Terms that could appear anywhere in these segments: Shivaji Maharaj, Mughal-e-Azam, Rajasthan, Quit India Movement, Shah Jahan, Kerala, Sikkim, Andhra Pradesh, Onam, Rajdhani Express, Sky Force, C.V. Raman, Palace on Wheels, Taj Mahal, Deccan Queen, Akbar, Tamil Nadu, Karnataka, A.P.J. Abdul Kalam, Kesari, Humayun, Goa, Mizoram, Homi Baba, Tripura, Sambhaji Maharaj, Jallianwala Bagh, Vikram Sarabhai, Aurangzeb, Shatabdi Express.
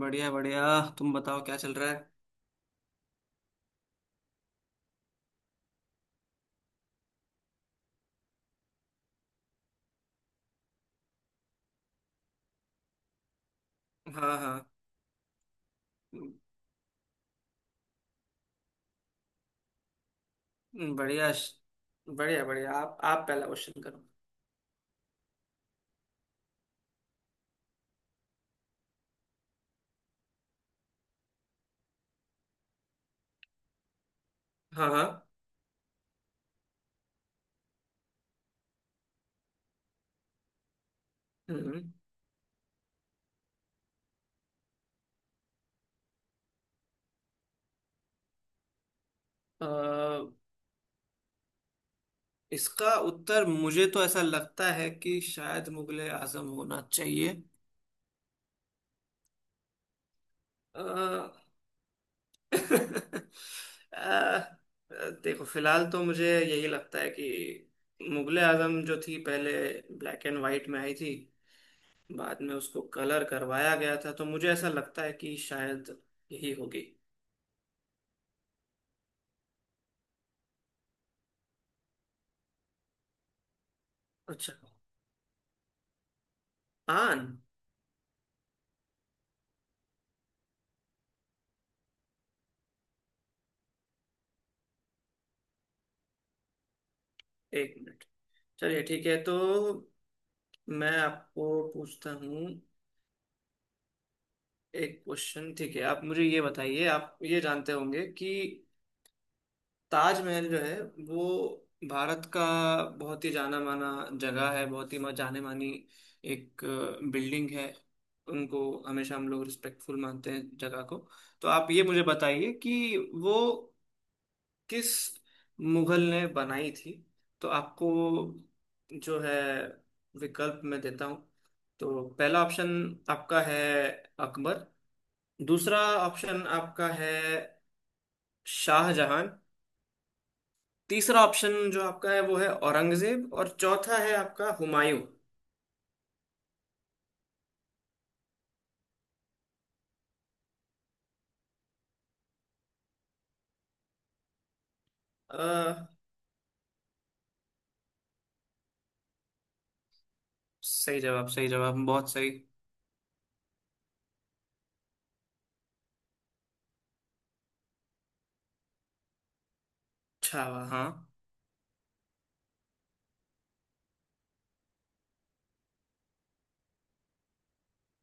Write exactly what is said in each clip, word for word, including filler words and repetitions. बढ़िया बढ़िया। तुम बताओ क्या चल रहा है? हाँ हाँ। हम्म। बढ़िया। बढ़िया बढ़िया, आप आप पहला क्वेश्चन करो। हाँ हाँ। हम्म। अ, इसका उत्तर मुझे तो ऐसा लगता है कि शायद मुगले आजम होना चाहिए। अ, अ, देखो, फिलहाल तो मुझे यही लगता है कि मुगले आजम जो थी पहले ब्लैक एंड वाइट में आई थी। बाद में उसको कलर करवाया गया था, तो मुझे ऐसा लगता है कि शायद यही होगी। अच्छा। आन। एक मिनट। चलिए, ठीक है। तो मैं आपको पूछता हूँ एक क्वेश्चन। ठीक है, आप मुझे ये बताइए। आप ये जानते होंगे कि ताजमहल जो है वो भारत का बहुत ही जाना माना जगह है, बहुत ही जाने मानी एक बिल्डिंग है। उनको हमेशा हम लोग रिस्पेक्टफुल मानते हैं जगह को। तो आप ये मुझे बताइए कि वो किस मुगल ने बनाई थी। तो आपको जो है विकल्प मैं देता हूँ। तो पहला ऑप्शन आपका है अकबर। दूसरा ऑप्शन आपका है शाहजहां। तीसरा ऑप्शन जो आपका है वो है औरंगजेब, और चौथा है आपका हुमायूं। अ, सही जवाब, सही जवाब, बहुत सही। अच्छा। हाँ।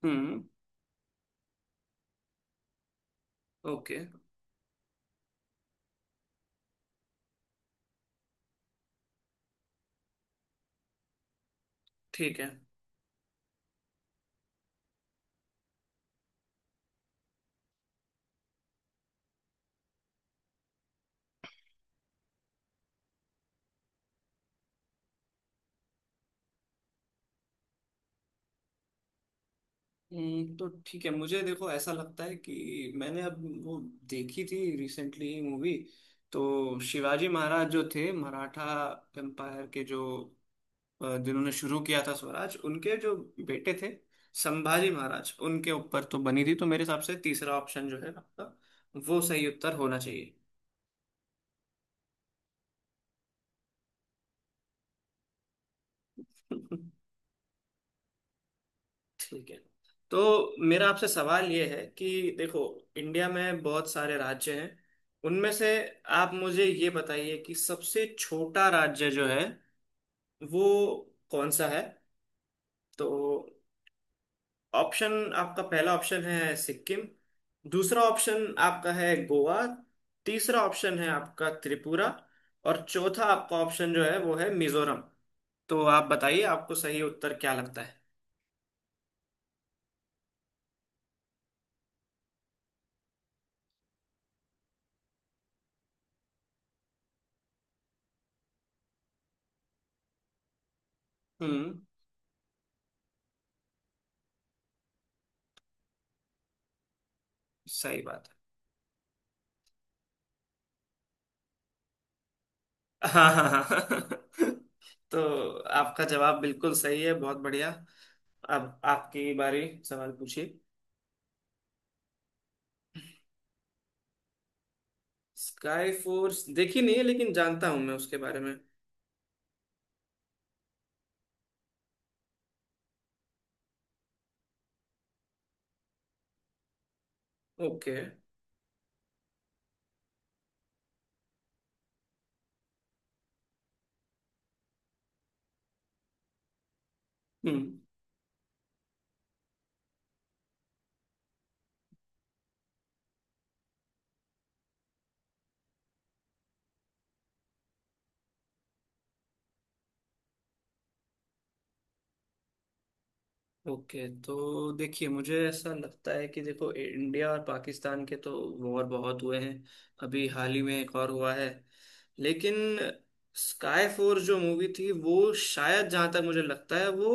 हम्म। ओके। ठीक है। हम्म, तो ठीक है, मुझे देखो ऐसा लगता है कि मैंने अब वो देखी थी रिसेंटली मूवी। तो शिवाजी महाराज जो थे मराठा एम्पायर के जो, अ, जिन्होंने शुरू किया था स्वराज, उनके जो बेटे थे, संभाजी महाराज, उनके ऊपर तो बनी थी। तो मेरे हिसाब से तीसरा ऑप्शन जो है आपका, वो सही उत्तर होना चाहिए। ठीक है। तो मेरा आपसे सवाल ये है कि देखो, इंडिया में बहुत सारे राज्य हैं, उनमें से आप मुझे ये बताइए कि सबसे छोटा राज्य जो है वो कौन सा है। तो ऑप्शन आपका, पहला ऑप्शन है सिक्किम। दूसरा ऑप्शन आपका है गोवा। तीसरा ऑप्शन है आपका त्रिपुरा, और चौथा आपका ऑप्शन जो है वो है मिजोरम। तो आप बताइए, आपको सही उत्तर क्या लगता है? हम्म। सही बात है। हाँ हाँ हाँ। तो आपका जवाब बिल्कुल सही है, बहुत बढ़िया। अब आपकी बारी, सवाल पूछिए। स्काई फोर्स देखी नहीं है, लेकिन जानता हूं मैं उसके बारे में। ओके। हम्म। ओके, तो देखिए, मुझे ऐसा लगता है कि देखो, इंडिया और पाकिस्तान के तो वॉर बहुत हुए हैं। अभी हाल ही में एक और हुआ है, लेकिन स्काई फोर्स जो मूवी थी वो शायद, जहां तक मुझे लगता है, वो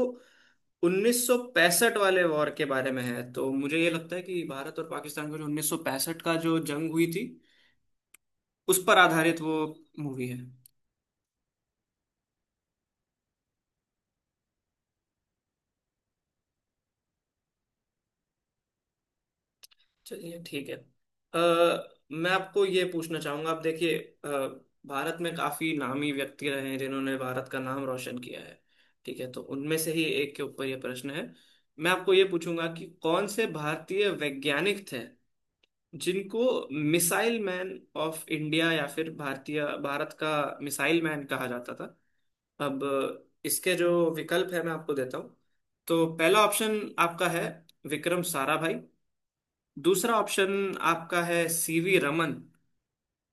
उन्नीस सौ पैंसठ वाले वॉर के बारे में है। तो मुझे ये लगता है कि भारत और पाकिस्तान का जो उन्नीस सौ पैंसठ का जो जंग हुई थी, उस पर आधारित वो मूवी है। चलिए, ठीक है। अ, मैं आपको ये पूछना चाहूंगा। आप देखिए, अ, भारत में काफी नामी व्यक्ति रहे हैं जिन्होंने भारत का नाम रोशन किया है। ठीक है, तो उनमें से ही एक के ऊपर ये प्रश्न है। मैं आपको ये पूछूंगा कि कौन से भारतीय वैज्ञानिक थे जिनको मिसाइल मैन ऑफ इंडिया, या फिर भारतीय भारत का मिसाइल मैन कहा जाता था। अब इसके जो विकल्प है मैं आपको देता हूँ। तो पहला ऑप्शन आपका है विक्रम साराभाई। दूसरा ऑप्शन आपका है सीवी रमन।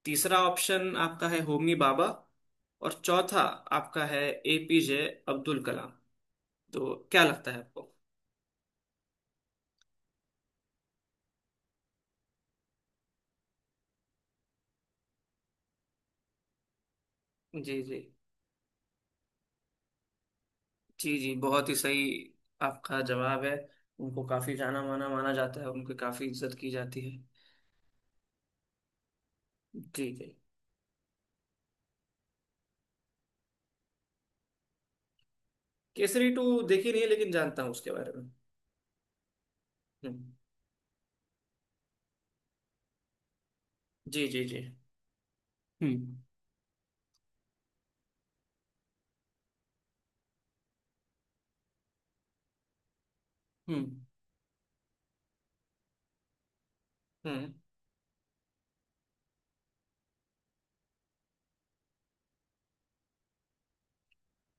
तीसरा ऑप्शन आपका है होमी बाबा, और चौथा आपका है एपीजे अब्दुल कलाम। तो क्या लगता है आपको? जी जी। जी जी, बहुत ही सही आपका जवाब है। उनको काफी जाना माना माना जाता है, उनकी काफी इज्जत की जाती है। जी जी। केसरी टू देखी नहीं है लेकिन जानता हूँ उसके बारे में। हम्म। जी जी जी। हम्म हम्म हम्म।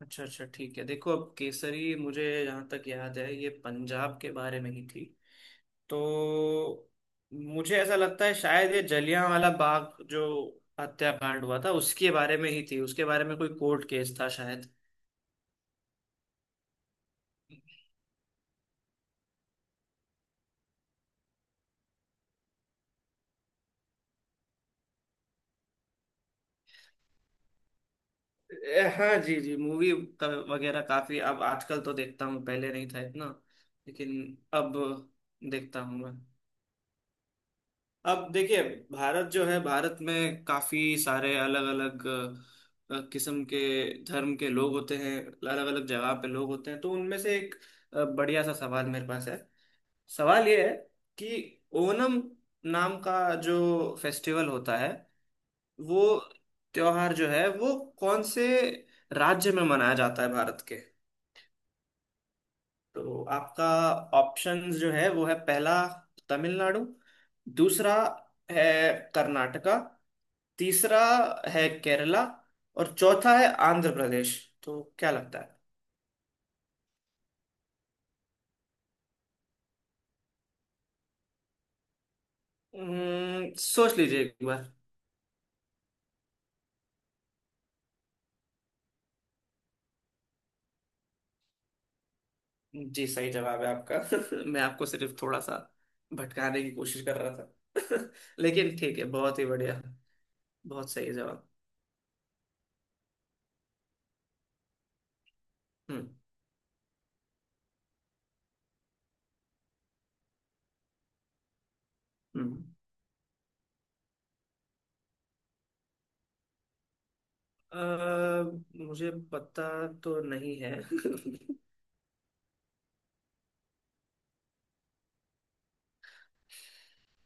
अच्छा अच्छा, ठीक है। देखो अब केसरी मुझे जहाँ तक याद है ये पंजाब के बारे में ही थी। तो मुझे ऐसा लगता है शायद ये जलियांवाला बाग जो हत्याकांड हुआ था उसके बारे में ही थी। उसके बारे में कोई कोर्ट केस था शायद। ए, हाँ। जी जी, मूवी का वगैरह काफी अब आजकल तो देखता हूँ, पहले नहीं था इतना, लेकिन अब देखता हूँ मैं। अब देखिए, भारत जो है, भारत में काफी सारे अलग अलग किस्म के धर्म के लोग होते हैं, अलग अलग जगह पे लोग होते हैं। तो उनमें से एक अ, बढ़िया सा सवाल मेरे पास है। सवाल ये है कि ओनम नाम का जो फेस्टिवल होता है, वो त्योहार जो है वो कौन से राज्य में मनाया जाता है भारत के। तो आपका ऑप्शंस जो है वो है, पहला तमिलनाडु। दूसरा है कर्नाटका। तीसरा है केरला, और चौथा है आंध्र प्रदेश। तो क्या लगता है? हम्म, सोच लीजिए एक बार। जी, सही जवाब है आपका। मैं आपको सिर्फ थोड़ा सा भटकाने की कोशिश कर रहा था। लेकिन ठीक है, बहुत ही बढ़िया। बहुत सही जवाब। हम्म। हम्म। अ, मुझे पता तो नहीं है।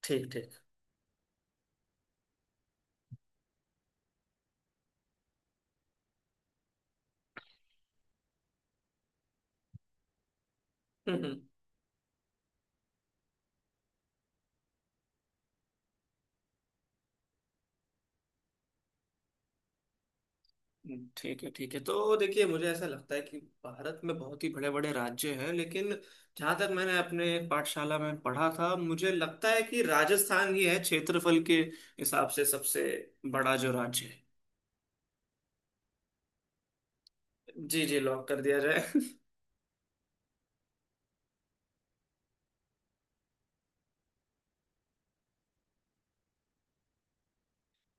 ठीक ठीक। हम्म, ठीक है ठीक है। तो देखिए, मुझे ऐसा लगता है कि भारत में बहुत ही बड़े बड़े राज्य हैं, लेकिन जहाँ तक मैंने अपने पाठशाला में पढ़ा था, मुझे लगता है कि राजस्थान ही है क्षेत्रफल के हिसाब से सबसे बड़ा जो राज्य है। जी जी, लॉक कर दिया जाए।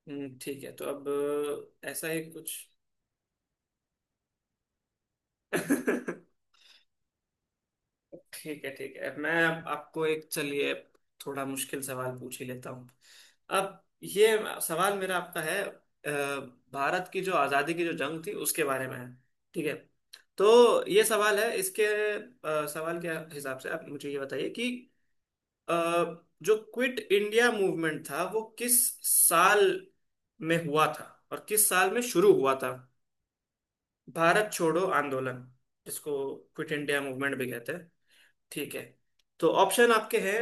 हम्म, ठीक है, तो अब अ, ऐसा ही कुछ। ठीक है, ठीक है। मैं अब आपको एक, चलिए थोड़ा मुश्किल सवाल पूछ ही लेता हूँ। अब ये सवाल मेरा आपका है। अ, भारत की जो आज़ादी की जो जंग थी उसके बारे में है। ठीक है, तो ये सवाल है। इसके अ, सवाल के हिसाब से आप मुझे ये बताइए कि अ, जो क्विट इंडिया मूवमेंट था वो किस साल में हुआ था और किस साल में शुरू हुआ था। भारत छोड़ो आंदोलन, जिसको क्विट इंडिया मूवमेंट भी कहते हैं, ठीक है। तो ऑप्शन आपके हैं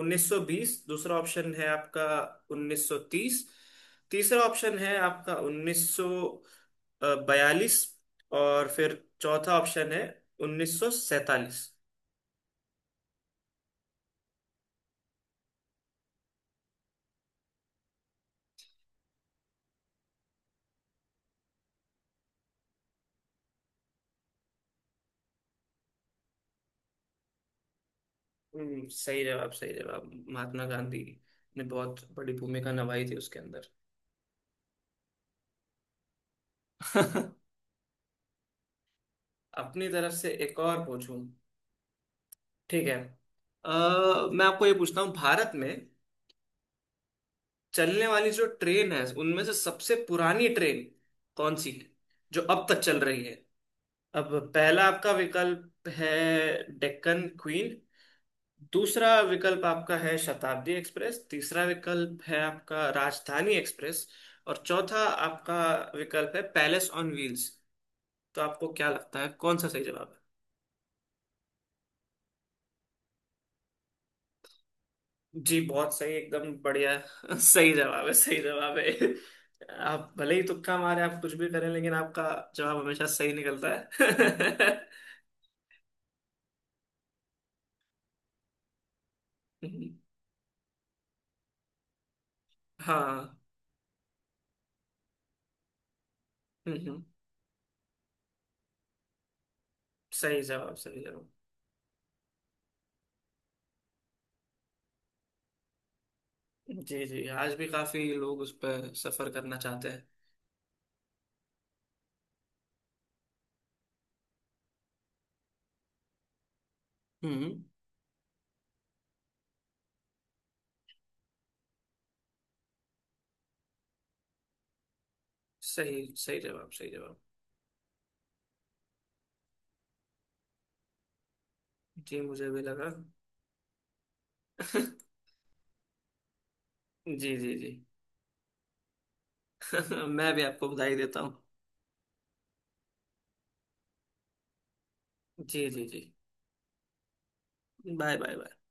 उन्नीस सौ बीस, दूसरा ऑप्शन है आपका उन्नीस सौ तीस, तीसरा ऑप्शन है आपका उन्नीस सौ बयालीस, और फिर चौथा ऑप्शन है उन्नीस सौ सैंतालीस। हम्म, सही जवाब, सही जवाब। महात्मा गांधी ने बहुत बड़ी भूमिका निभाई थी उसके अंदर। अपनी तरफ से एक और पूछूं? ठीक है। अ, मैं आपको ये पूछता हूँ, भारत में चलने वाली जो ट्रेन है उनमें से सबसे पुरानी ट्रेन कौन सी है जो अब तक चल रही है। अब पहला आपका विकल्प है डेक्कन क्वीन। दूसरा विकल्प आपका है शताब्दी एक्सप्रेस। तीसरा विकल्प है आपका राजधानी एक्सप्रेस, और चौथा आपका विकल्प है पैलेस ऑन व्हील्स। तो आपको क्या लगता है, कौन सा सही जवाब है? जी, बहुत सही, एकदम बढ़िया। सही जवाब है, सही जवाब है। आप भले ही तुक्का मारे, आप कुछ भी करें, लेकिन आपका जवाब हमेशा सही निकलता है। हाँ। हम्म, हम्म। सही जवाब, सही जवाब। जी जी, आज भी काफी लोग उस पर सफर करना चाहते हैं। हम्म, सही, सही जवाब, सही जवाब। जी, मुझे भी लगा। जी जी जी। मैं भी आपको बधाई देता हूँ। जी जी जी। Bye, bye, bye.